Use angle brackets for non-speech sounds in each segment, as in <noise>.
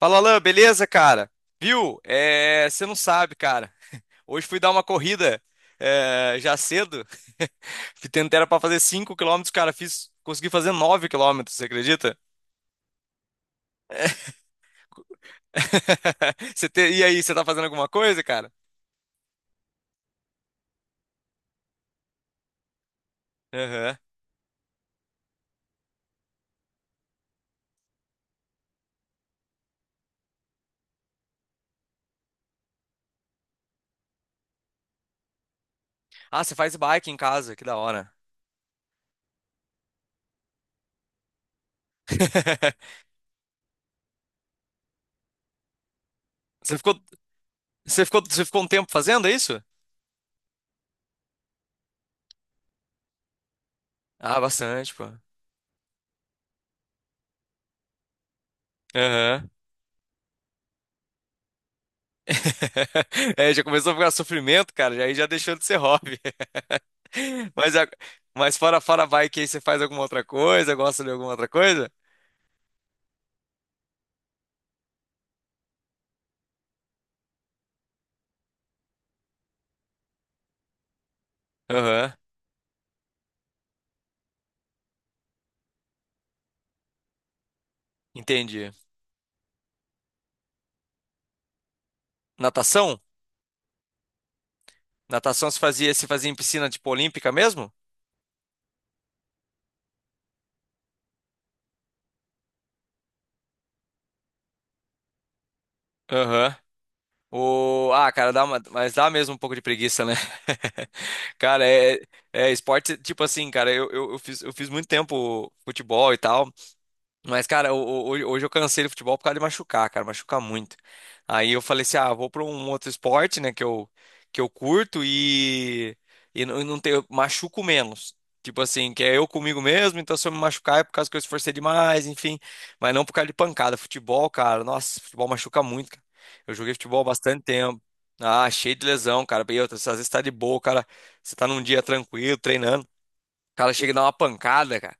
Fala, Alan, beleza, cara? Viu? Você não sabe, cara. <laughs> Hoje fui dar uma corrida já cedo. <laughs> Tentei era para fazer 5 quilômetros, cara, fiz, consegui fazer 9 quilômetros. Você acredita? <laughs> E aí, você tá fazendo alguma coisa, cara? Aham. Ah, você faz bike em casa, que da hora. <laughs> Você ficou, Você ficou um tempo fazendo isso? Ah, bastante, pô. Aham. <laughs> É, já começou a ficar sofrimento, cara, aí já deixou de ser hobby. <laughs> Mas, a- mas fora bike, aí você faz alguma outra coisa, gosta de alguma outra coisa? Aham, entendi. Natação? Natação se fazia em piscina, tipo, olímpica mesmo? Aham. Ah, cara, mas dá mesmo um pouco de preguiça, né? <laughs> Cara, é esporte, tipo assim, cara, eu fiz muito tempo futebol e tal. Mas, cara, hoje eu cansei do futebol por causa de machucar, cara, machucar muito. Aí eu falei assim, ah, vou pra um outro esporte, né, que eu curto e não, não tenho, machuco menos. Tipo assim, que é eu comigo mesmo, então se eu me machucar é por causa que eu esforcei demais, enfim. Mas não por causa de pancada. Futebol, cara, nossa, futebol machuca muito, cara. Eu joguei futebol há bastante tempo. Ah, cheio de lesão, cara. E outra, às vezes tá de boa, cara. Você tá num dia tranquilo, treinando. O cara chega e dá uma pancada, cara.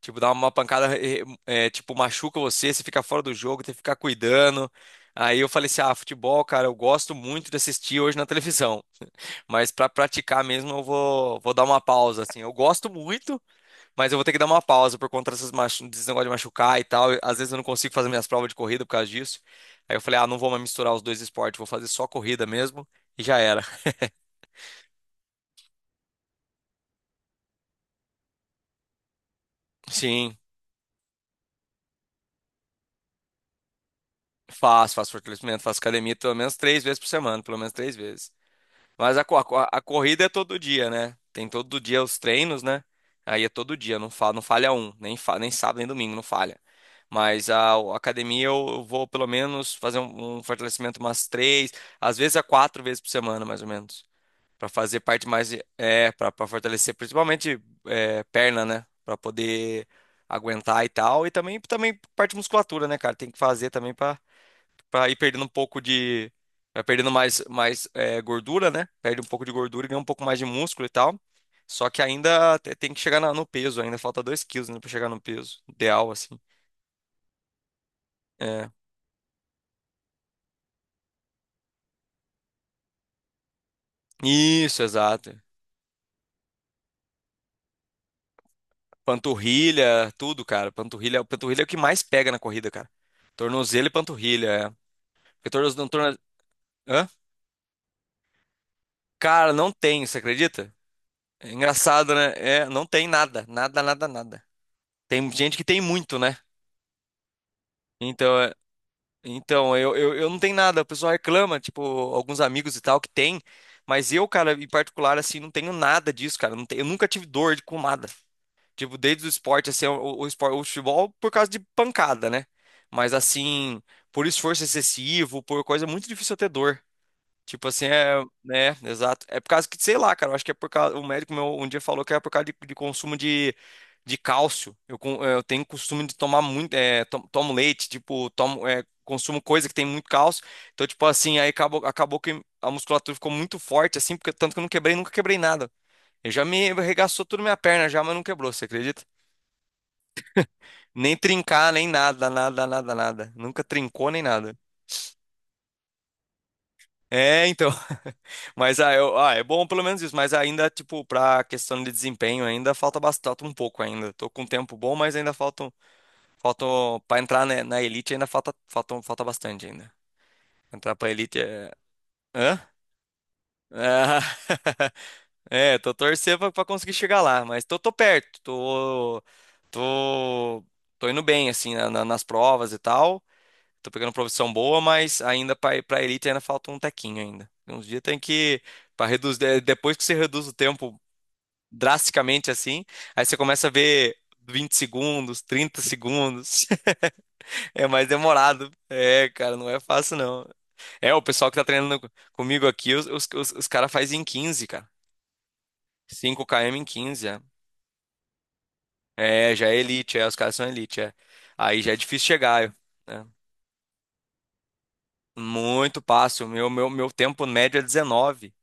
Tipo, dá uma pancada, tipo, machuca você, você fica fora do jogo, tem que ficar cuidando. Aí eu falei assim, ah, futebol, cara, eu gosto muito de assistir hoje na televisão, mas pra praticar mesmo vou dar uma pausa, assim. Eu gosto muito, mas eu vou ter que dar uma pausa por conta dessas desse negócio de machucar e tal. Às vezes eu não consigo fazer minhas provas de corrida por causa disso. Aí eu falei, ah, não vou mais misturar os dois esportes, vou fazer só corrida mesmo e já era. Sim, faço fortalecimento, faço academia pelo menos três vezes por semana, pelo menos três vezes. Mas a corrida é todo dia, né? Tem todo dia os treinos, né? Aí é todo dia, não falha um, nem sábado nem domingo, não falha. Mas a academia eu vou pelo menos fazer um fortalecimento umas três, às vezes a quatro vezes por semana, mais ou menos. Pra fazer parte mais, é, pra fortalecer principalmente é, perna, né? Pra poder aguentar e tal. E também, também parte de musculatura, né, cara? Tem que fazer também para ir perdendo um pouco de. Vai perdendo mais é, gordura, né? Perde um pouco de gordura e ganha um pouco mais de músculo e tal. Só que ainda tem que chegar no peso, ainda falta 2 quilos, né, para chegar no peso ideal, assim. É. Isso, exato. Panturrilha, tudo, cara. Panturrilha é o que mais pega na corrida, cara. Tornozelo e panturrilha, é. Porque Hã? Cara, não tem, você acredita? É engraçado, né? É, não tem nada, nada, nada, nada. Tem gente que tem muito, né? Então, então, eu não tenho nada, o pessoal reclama, tipo, alguns amigos e tal que tem, mas eu, cara, em particular, assim, não tenho nada disso, cara, eu nunca tive dor de pomada, tipo, desde o esporte, assim, esporte, o futebol por causa de pancada, né, mas assim, por esforço excessivo, por coisa, é muito difícil eu ter dor. Tipo assim, é, né, exato. É por causa que, sei lá, cara, eu acho que é por causa, o médico meu um dia falou que é por causa de consumo de cálcio. Eu tenho costume de tomar muito, é, tomo leite, tipo, tomo, é, consumo coisa que tem muito cálcio. Então, tipo assim, aí acabou que a musculatura ficou muito forte, assim, porque tanto que eu não quebrei, nunca quebrei nada. Eu já me arregaçou tudo minha perna já, mas não quebrou, você acredita? Nem trincar, nem nada, nada, nada, nada. Nunca trincou nem nada. É, então. <laughs> Mas ah, eu, ah, é bom pelo menos isso, mas ainda, tipo, pra questão de desempenho, ainda falta bastante um pouco ainda. Tô com um tempo bom, mas ainda faltam para entrar na elite ainda falta bastante ainda. Entrar pra elite é... Hã? Ah, <laughs> é, tô torcendo pra conseguir chegar lá, mas tô perto, tô, tô indo bem, assim, nas provas e tal. Tô pegando profissão boa, mas ainda pra elite ainda falta um tequinho ainda. Tem uns dias tem que. Pra reduzir, depois que você reduz o tempo drasticamente assim, aí você começa a ver 20 segundos, 30 segundos. <laughs> É mais demorado. É, cara, não é fácil não. É, o pessoal que tá treinando comigo aqui, os caras fazem em 15 cara. Cinco km em 15 é. É, já é elite, é, os caras são elite, é. Aí já é difícil chegar, é. Muito fácil. Meu tempo médio é 19.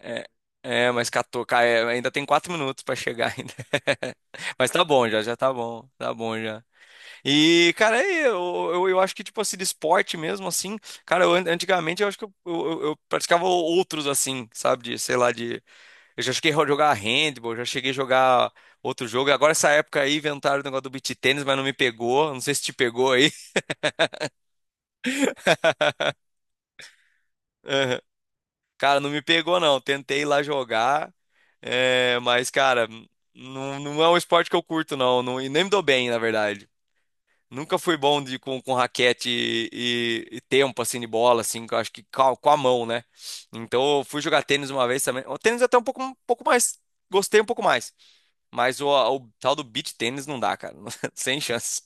É, mas é, ainda tem quatro minutos pra chegar ainda. <laughs> Mas tá bom já, já tá bom já. E, cara, é, eu acho que, tipo assim, de esporte mesmo, assim, cara, antigamente eu acho que eu praticava outros, assim, sabe, de, sei lá, de... Eu já cheguei a jogar handball, já cheguei a jogar outro jogo. Agora, essa época aí, inventaram o negócio do beach tênis, mas não me pegou, não sei se te pegou aí. <laughs> Aham. Cara, não me pegou, não. Tentei ir lá jogar. É, mas, cara, não, não é um esporte que eu curto, não, não. E nem me dou bem, na verdade. Nunca fui bom de, com raquete e tempo, assim, de bola, assim, que eu acho que com com a mão, né? Então, eu fui jogar tênis uma vez também. O tênis Até um pouco mais. Gostei um pouco mais. Mas o tal do beach tênis não dá, cara. <laughs> Sem chance.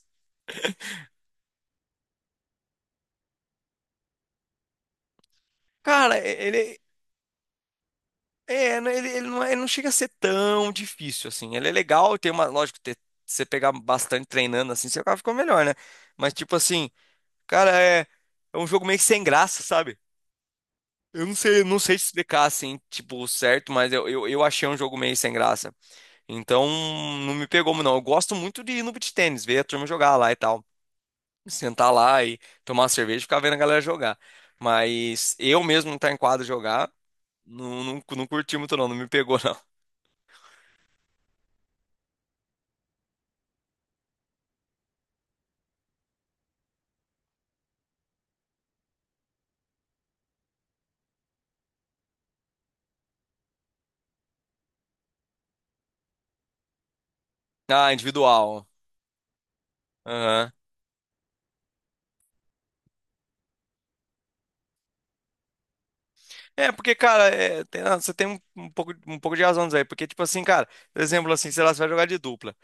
Cara, ele, é, ele não, ele não chega a ser tão difícil, assim. Ele é legal, tem uma. Lógico, ter, você pegar bastante treinando, assim, você acaba ficando melhor, né? Mas, tipo assim. Cara, é, é um jogo meio que sem graça, sabe? Eu não sei, não sei explicar assim, tipo, certo, mas eu achei um jogo meio sem graça. Então, não me pegou, muito, não. Eu gosto muito de ir no beach tennis, ver a turma jogar lá e tal. Sentar lá e tomar uma cerveja e ficar vendo a galera jogar. Mas eu mesmo não tá em quadra jogar, não, não, não curti muito, não. Não me pegou, <laughs> não. Ah, individual. Aham. É, porque, cara, é, ah, você tem um, um pouco de razão disso aí. Porque, tipo assim, cara, por exemplo, assim, sei lá, você vai jogar de dupla.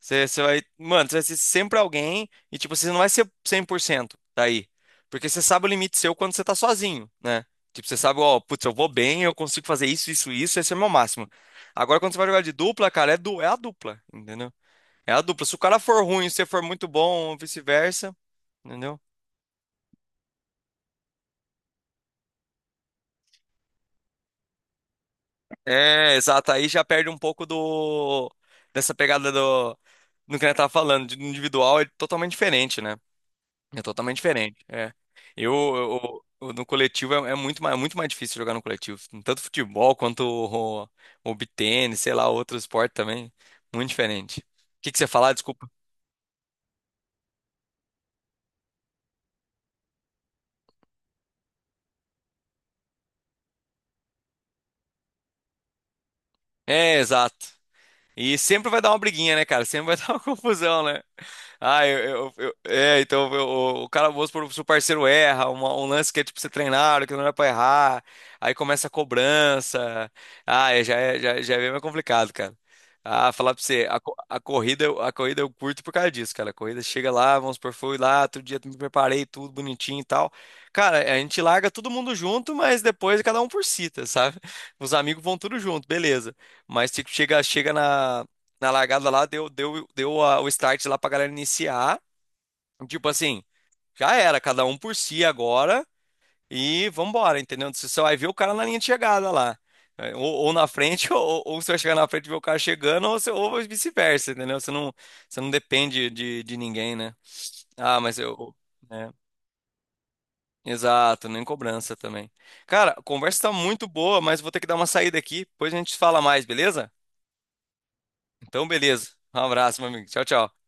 Você vai. Mano, você vai ser sempre alguém e, tipo, você não vai ser 100% daí. Porque você sabe o limite seu quando você tá sozinho, né? Tipo, você sabe, ó, putz, eu vou bem, eu consigo fazer isso, isso, isso, esse é o meu máximo. Agora, quando você vai jogar de dupla, cara, é, du é a dupla, entendeu? É a dupla. Se o cara for ruim e você for muito bom, ou vice-versa, entendeu? É, exato. Aí já perde um pouco do dessa pegada do que a gente tava falando, de individual é totalmente diferente, né? É totalmente diferente. É. No coletivo é, é muito mais difícil jogar no coletivo, tanto futebol quanto beat tênis, sei lá, outro esporte também, muito diferente. O que que você ia falar? Desculpa. É, exato. E sempre vai dar uma briguinha, né, cara? Sempre vai <laughs> dar uma confusão, né? Ah, é, então eu- o cara, vamos supor, se o parceiro erra, um lance que é tipo você treinar, que não era pra errar, aí começa a cobrança. Ah, é, já, já é bem mais complicado, cara. Ah, falar pra você, a corrida, a corrida eu curto por causa disso, cara. A corrida chega lá, vamos supor, fui lá, outro dia me preparei, tudo bonitinho e tal. Cara, a gente larga todo mundo junto, mas depois cada um por si, tá, sabe? Os amigos vão tudo junto, beleza. Mas tipo, chega na largada lá, deu o start lá pra galera iniciar. Tipo assim, já era, cada um por si agora e vambora, entendeu? Você só vai ver o cara na linha de chegada lá. É, ou na frente, <laughs> ou você vai chegar na frente e ver o cara chegando, ou vice-versa, entendeu? Você não depende de ninguém, né? Ah, mas eu. Né? Exato, nem cobrança também. Cara, a conversa tá muito boa, mas vou ter que dar uma saída aqui, depois a gente fala mais, beleza? Então, beleza. Um abraço, meu amigo. Tchau, tchau.